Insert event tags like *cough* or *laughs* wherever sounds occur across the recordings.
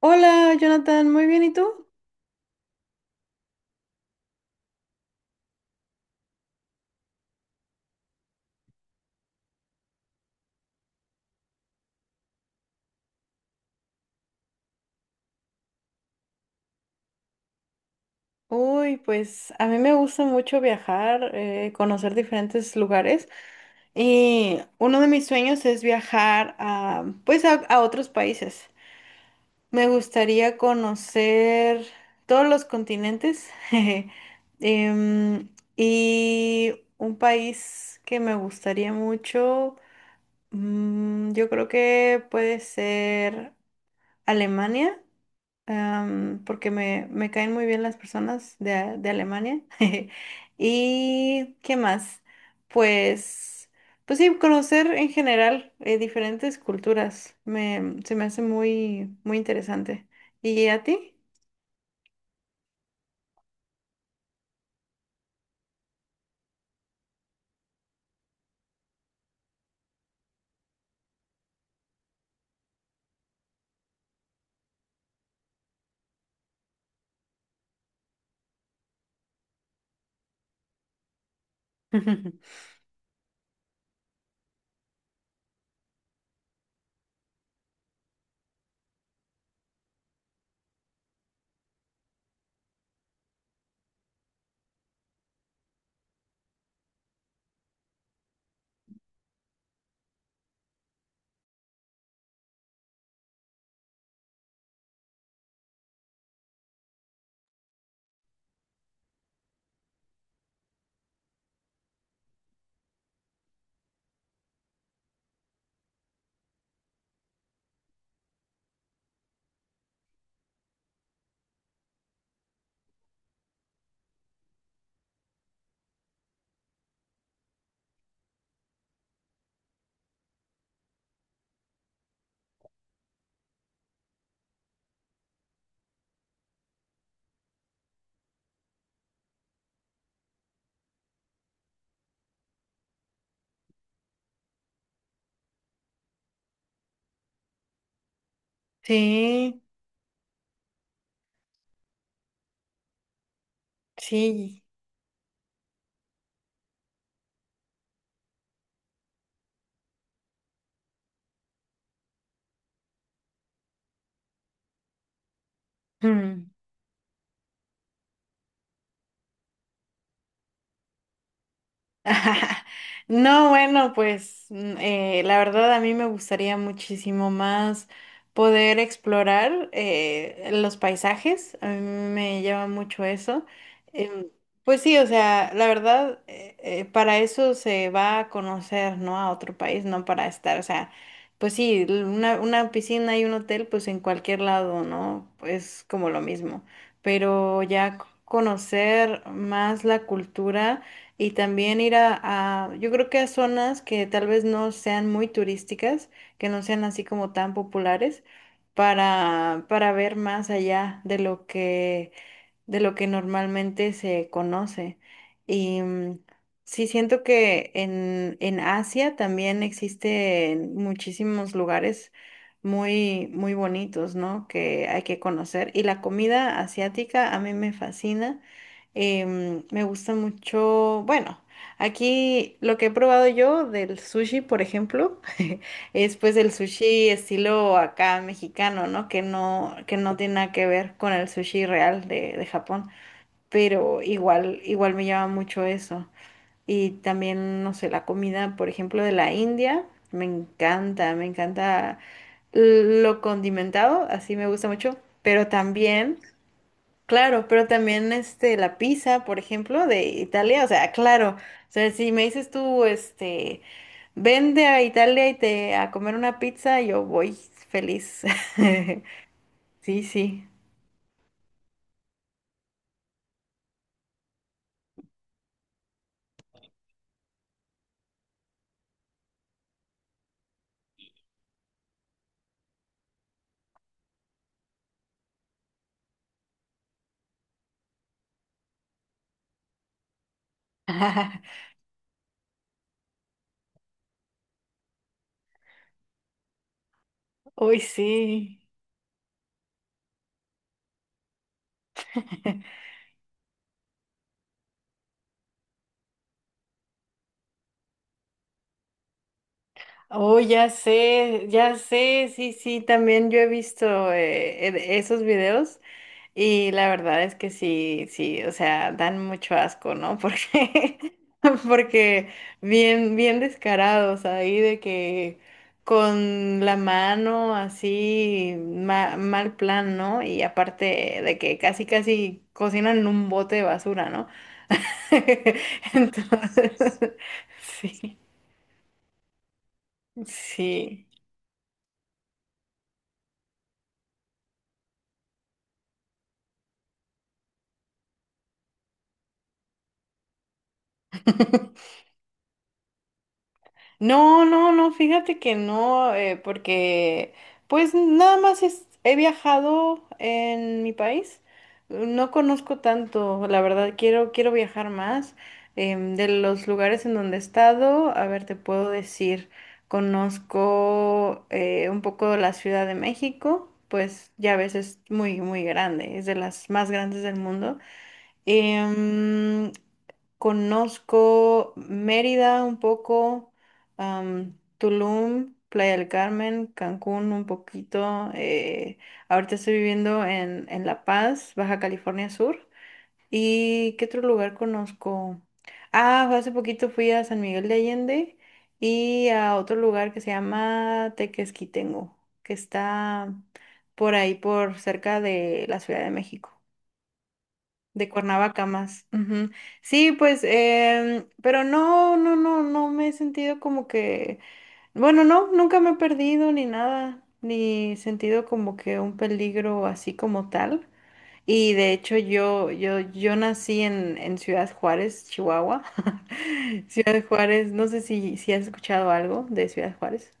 Hola, Jonathan, muy bien, ¿y tú? Uy, pues a mí me gusta mucho viajar, conocer diferentes lugares y uno de mis sueños es viajar a otros países. Me gustaría conocer todos los continentes *laughs* jeje, em, y un país que me gustaría mucho, yo creo que puede ser Alemania. Am, porque me caen muy bien las personas de Alemania. *laughs* ¿Y qué más? Pues, pues sí, conocer en general diferentes culturas se me hace muy, muy interesante. ¿Y a ti? *laughs* Sí, sí. *laughs* *laughs* No, bueno, pues la verdad a mí me gustaría muchísimo más poder explorar los paisajes, a mí me llama mucho eso. Em, pues sí, o sea, la verdad, para eso se va a conocer, ¿no? A otro país, no para estar, o sea, pues sí, una piscina y un hotel, pues en cualquier lado, ¿no? Es como lo mismo, pero ya conocer más la cultura. Y también ir yo creo que a zonas que tal vez no sean muy turísticas, que no sean así como tan populares, para ver más allá de lo que normalmente se conoce. Y sí siento que en Asia también existen muchísimos lugares muy, muy bonitos, ¿no? Que hay que conocer. Y la comida asiática a mí me fascina. Me gusta mucho, bueno, aquí lo que he probado yo del sushi, por ejemplo, *laughs* es pues el sushi estilo acá mexicano, ¿no? Que no tiene nada que ver con el sushi real de Japón, pero igual, igual me llama mucho eso. Y también, no sé, la comida, por ejemplo, de la India, me encanta lo condimentado, así me gusta mucho, pero también... Claro, pero también este la pizza, por ejemplo, de Italia, o sea, claro, o sea, si me dices tú, este, vende a Italia y te a comer una pizza, yo voy feliz. *laughs* Sí, sí. Uy, sí. *laughs* Oh, ya sé, sí, sí. Sí, también yo he visto esos videos. Y la verdad es que sí, sí, o sea, dan mucho asco, ¿no? Porque, *laughs* porque bien, bien descarados ahí de que con la mano así, mal plan, ¿no? Y aparte de que casi, casi cocinan en un bote de basura, ¿no? *laughs* Entonces, *laughs* sí, sí. No, no, no, fíjate que no, porque pues nada más he viajado en mi país, no conozco tanto, la verdad quiero, quiero viajar más. De los lugares en donde he estado, a ver, te puedo decir, conozco un poco la Ciudad de México, pues ya ves es muy, muy grande, es de las más grandes del mundo. Em, conozco Mérida un poco, am, Tulum, Playa del Carmen, Cancún un poquito. Ahorita estoy viviendo en La Paz, Baja California Sur. ¿Y qué otro lugar conozco? Ah, hace poquito fui a San Miguel de Allende y a otro lugar que se llama Tequesquitengo, que está por ahí, por cerca de la Ciudad de México. De Cuernavaca más. Ujú. Sí, pues, pero no, no, no, no me he sentido como que, bueno, no, nunca me he perdido ni nada, ni sentido como que un peligro así como tal. Y de hecho yo nací en Ciudad Juárez, Chihuahua. *laughs* Ciudad Juárez, no sé si has escuchado algo de Ciudad Juárez.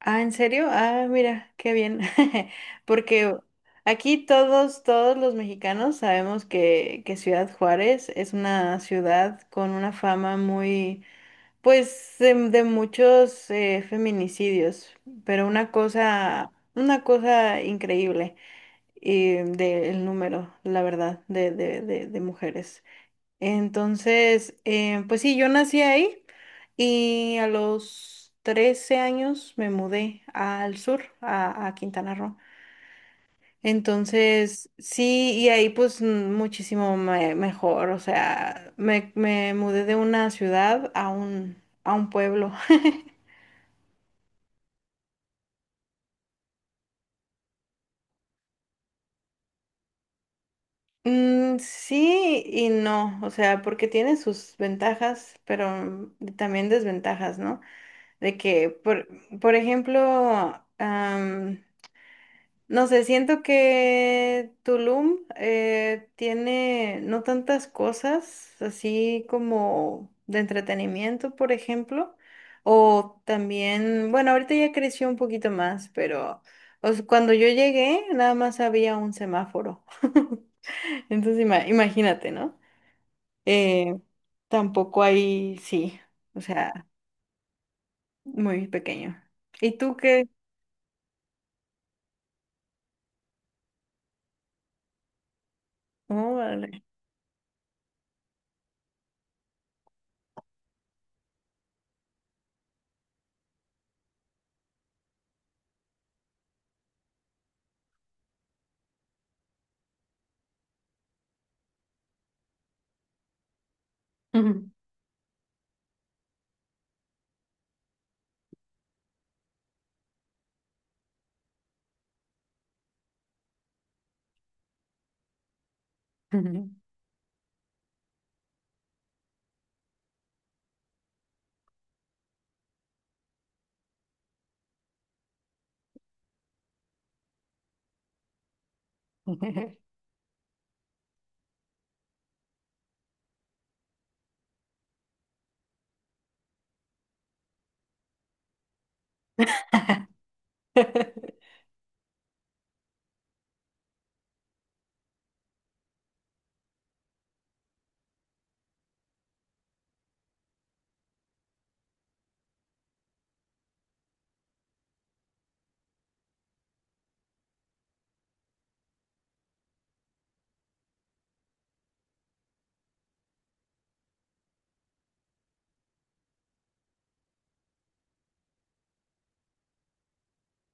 Ah, ¿en serio? Ah, mira, qué bien. *laughs* Porque aquí todos los mexicanos sabemos que Ciudad Juárez es una ciudad con una fama muy, pues, de muchos feminicidios, pero una cosa increíble y del número, la verdad, de mujeres. Entonces, pues sí, yo nací ahí y a los 13 años me mudé al sur, a Quintana Roo. Entonces, sí, y ahí pues muchísimo mejor, o sea, me mudé de una ciudad a un pueblo. *laughs* Mm, sí y no, o sea, porque tiene sus ventajas, pero también desventajas, ¿no? De que, por ejemplo, no sé, siento que Tulum tiene no tantas cosas así como de entretenimiento, por ejemplo, o también, bueno, ahorita ya creció un poquito más, pero o sea, cuando yo llegué nada más había un semáforo. *laughs* Entonces imagínate, ¿no? Eh, tampoco hay, sí, o sea, muy pequeño. ¿Y tú qué? Oh, vale. *laughs* *laughs*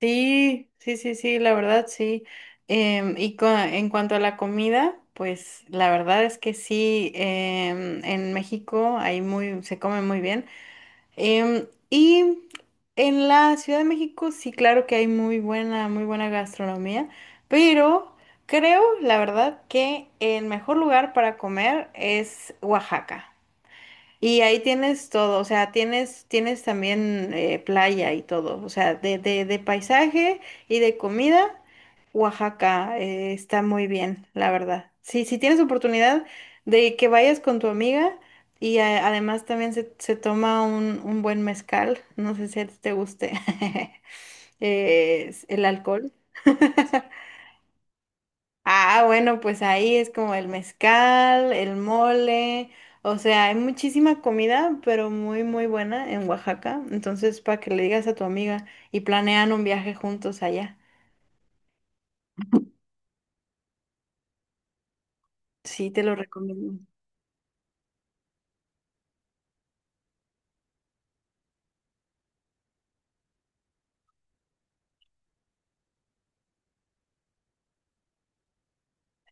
Sí, sí, sí, sí, la verdad sí. En cuanto a la comida, pues la verdad es que sí, en México hay muy, se come muy bien. Y en la Ciudad de México sí, claro que hay muy buena gastronomía, pero creo, la verdad, que el mejor lugar para comer es Oaxaca. Y ahí tienes todo, o sea, tienes, tienes también playa y todo, o sea, de paisaje y de comida, Oaxaca está muy bien, la verdad. Sí, si tienes oportunidad de que vayas con tu amiga y además también se toma un buen mezcal, no sé si a ti te guste *laughs* el alcohol. Ah, bueno, pues ahí es como el mezcal, el mole, o sea, hay muchísima comida, pero muy, muy buena en Oaxaca. Entonces, para que le digas a tu amiga y planean un viaje juntos allá. Sí, te lo recomiendo.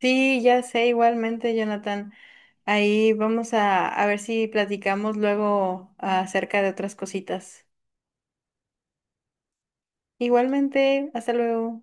Sí, ya sé, igualmente, Jonathan. Ahí vamos a ver si platicamos luego acerca de otras cositas. Igualmente, hasta luego.